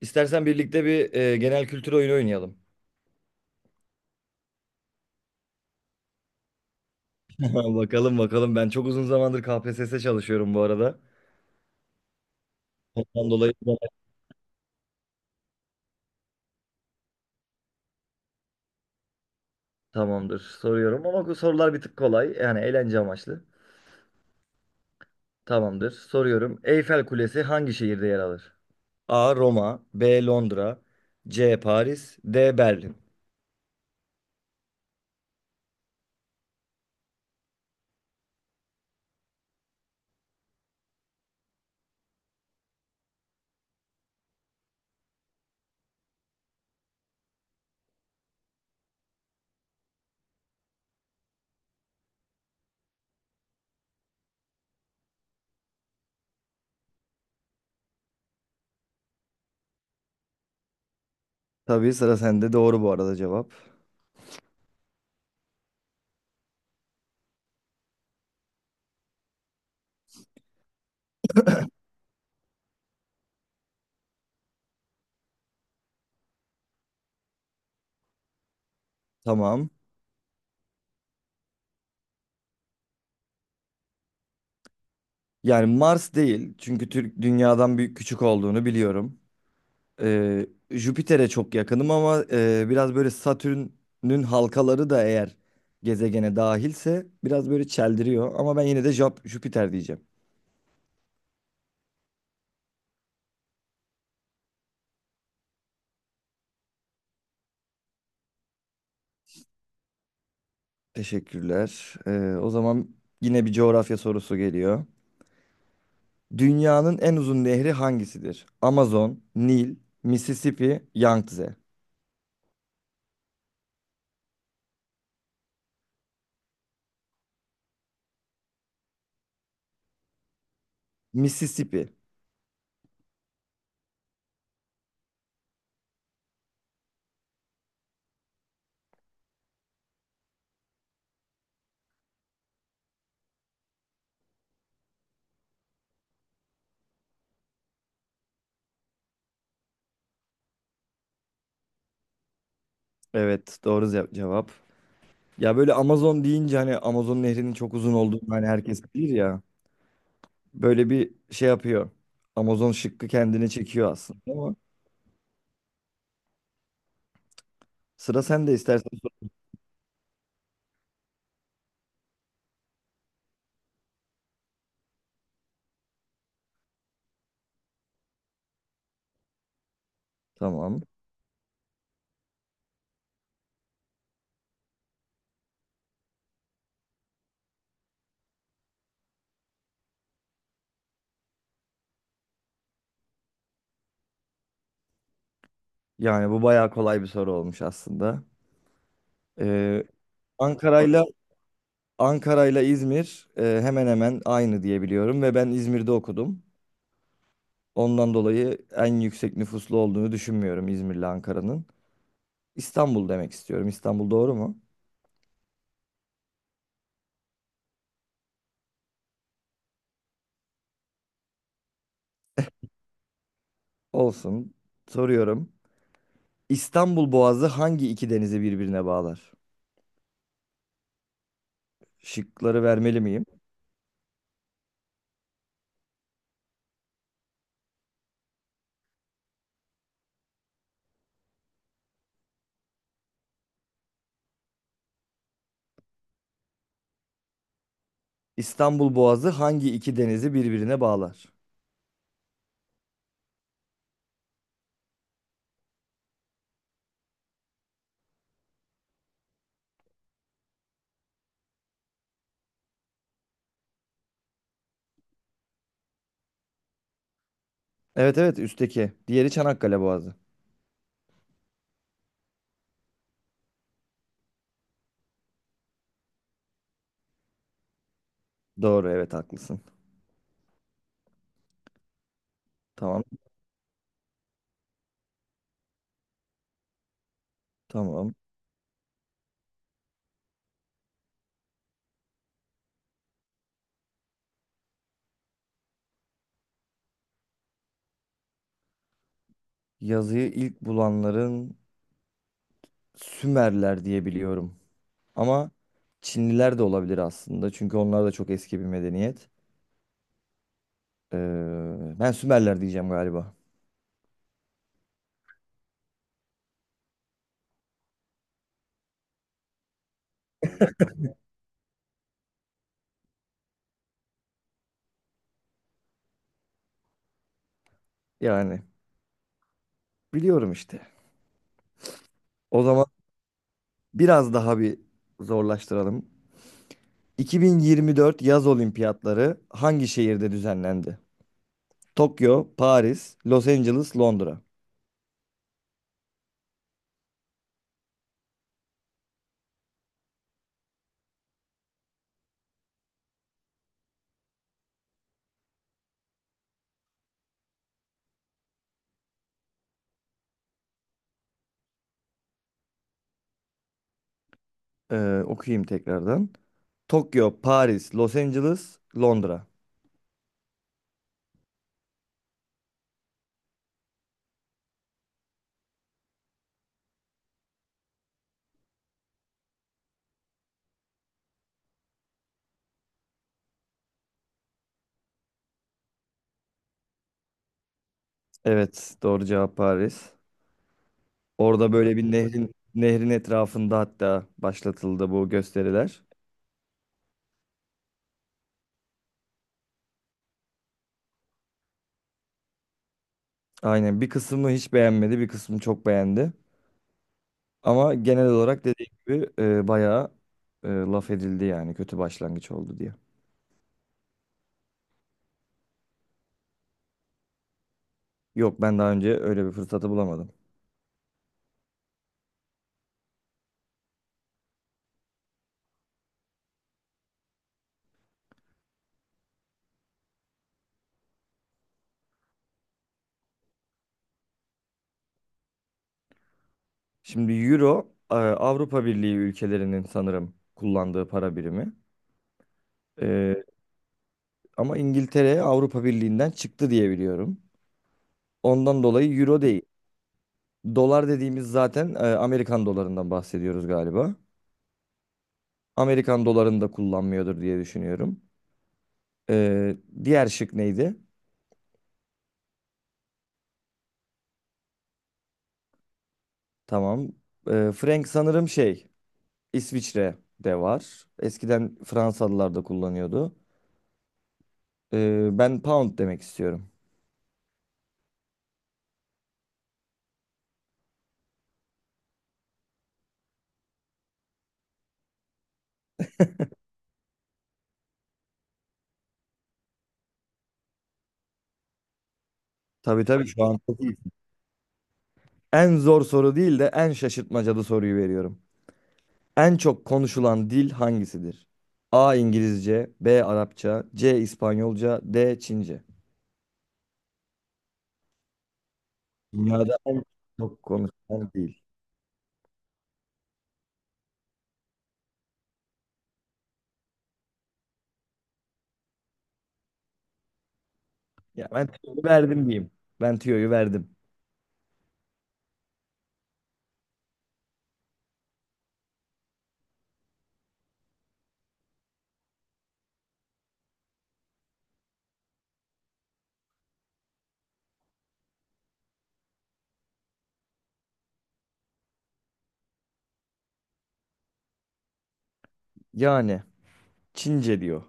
İstersen birlikte genel kültür oyunu oynayalım. Bakalım bakalım. Ben çok uzun zamandır KPSS çalışıyorum bu arada. Ondan dolayı tamamdır. Soruyorum ama bu sorular bir tık kolay. Yani eğlence amaçlı. Tamamdır. Soruyorum. Eyfel Kulesi hangi şehirde yer alır? A. Roma, B. Londra, C. Paris, D. Berlin. Tabii sıra sende. Doğru bu arada cevap. Tamam. Yani Mars değil, çünkü Türk dünyadan büyük küçük olduğunu biliyorum. Jüpiter'e çok yakınım ama biraz böyle Satürn'ün halkaları da eğer gezegene dahilse biraz böyle çeldiriyor. Ama ben yine de Jüpiter diyeceğim. Teşekkürler. O zaman yine bir coğrafya sorusu geliyor. Dünyanın en uzun nehri hangisidir? Amazon, Nil, Mississippi, Yangtze. Mississippi. Evet, doğru cevap. Ya böyle Amazon deyince hani Amazon nehrinin çok uzun olduğunu hani herkes bilir ya. Böyle bir şey yapıyor. Amazon şıkkı kendine çekiyor aslında ama sıra sen de istersen sor. Tamam. Yani bu bayağı kolay bir soru olmuş aslında. Ee, Ankara'yla Ankara'yla İzmir hemen hemen aynı diye biliyorum ve ben İzmir'de okudum. Ondan dolayı en yüksek nüfuslu olduğunu düşünmüyorum İzmir'le Ankara'nın. İstanbul demek istiyorum. İstanbul doğru mu? Olsun. Soruyorum. İstanbul Boğazı hangi iki denizi birbirine bağlar? Şıkları vermeli miyim? İstanbul Boğazı hangi iki denizi birbirine bağlar? Evet, evet, üstteki. Diğeri Çanakkale Boğazı. Doğru, evet, haklısın. Tamam tamam. Yazıyı ilk bulanların Sümerler diye biliyorum. Ama Çinliler de olabilir aslında, çünkü onlar da çok eski bir medeniyet. Ben Sümerler diyeceğim galiba. Yani biliyorum işte. O zaman biraz daha bir zorlaştıralım. 2024 yaz olimpiyatları hangi şehirde düzenlendi? Tokyo, Paris, Los Angeles, Londra. Okuyayım tekrardan. Tokyo, Paris, Los Angeles, Londra. Evet, doğru cevap Paris. Orada böyle bir nehrin etrafında hatta başlatıldı bu gösteriler. Aynen, bir kısmı hiç beğenmedi, bir kısmı çok beğendi. Ama genel olarak dediğim gibi bayağı laf edildi yani kötü başlangıç oldu diye. Yok, ben daha önce öyle bir fırsatı bulamadım. Şimdi Euro Avrupa Birliği ülkelerinin sanırım kullandığı para birimi. E, ama İngiltere Avrupa Birliği'nden çıktı diye biliyorum. Ondan dolayı Euro değil. Dolar dediğimiz zaten Amerikan dolarından bahsediyoruz galiba. Amerikan dolarını da kullanmıyordur diye düşünüyorum. E, diğer şık neydi? Tamam. Frank sanırım şey İsviçre de var. Eskiden Fransalılar da kullanıyordu. Ben pound demek istiyorum. Tabii tabii şu an çok iyi. En zor soru değil de en şaşırtmacalı soruyu veriyorum. En çok konuşulan dil hangisidir? A. İngilizce, B. Arapça, C. İspanyolca, D. Çince. Dünyada en çok konuşulan dil. Ya ben tüyoyu verdim diyeyim. Ben tüyoyu verdim. Yani Çince diyor.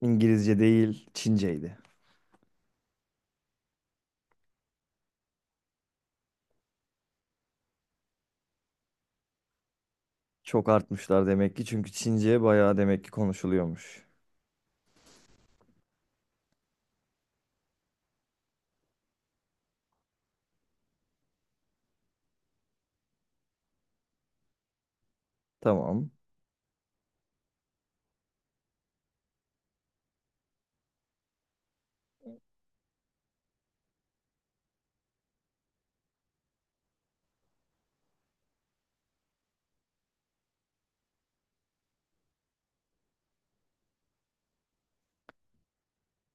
İngilizce değil, Çinceydi. Çok artmışlar demek ki, çünkü Çince bayağı demek ki konuşuluyormuş. Tamam.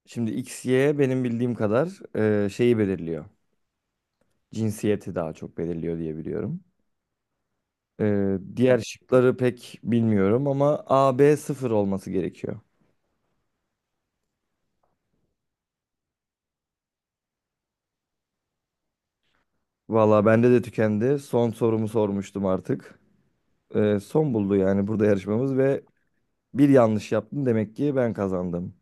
Şimdi XY benim bildiğim kadar şeyi belirliyor. Cinsiyeti daha çok belirliyor diye biliyorum. E, diğer şıkları pek bilmiyorum ama AB0 olması gerekiyor. Valla bende de tükendi. Son sorumu sormuştum artık. E, son buldu yani burada yarışmamız ve bir yanlış yaptım demek ki ben kazandım.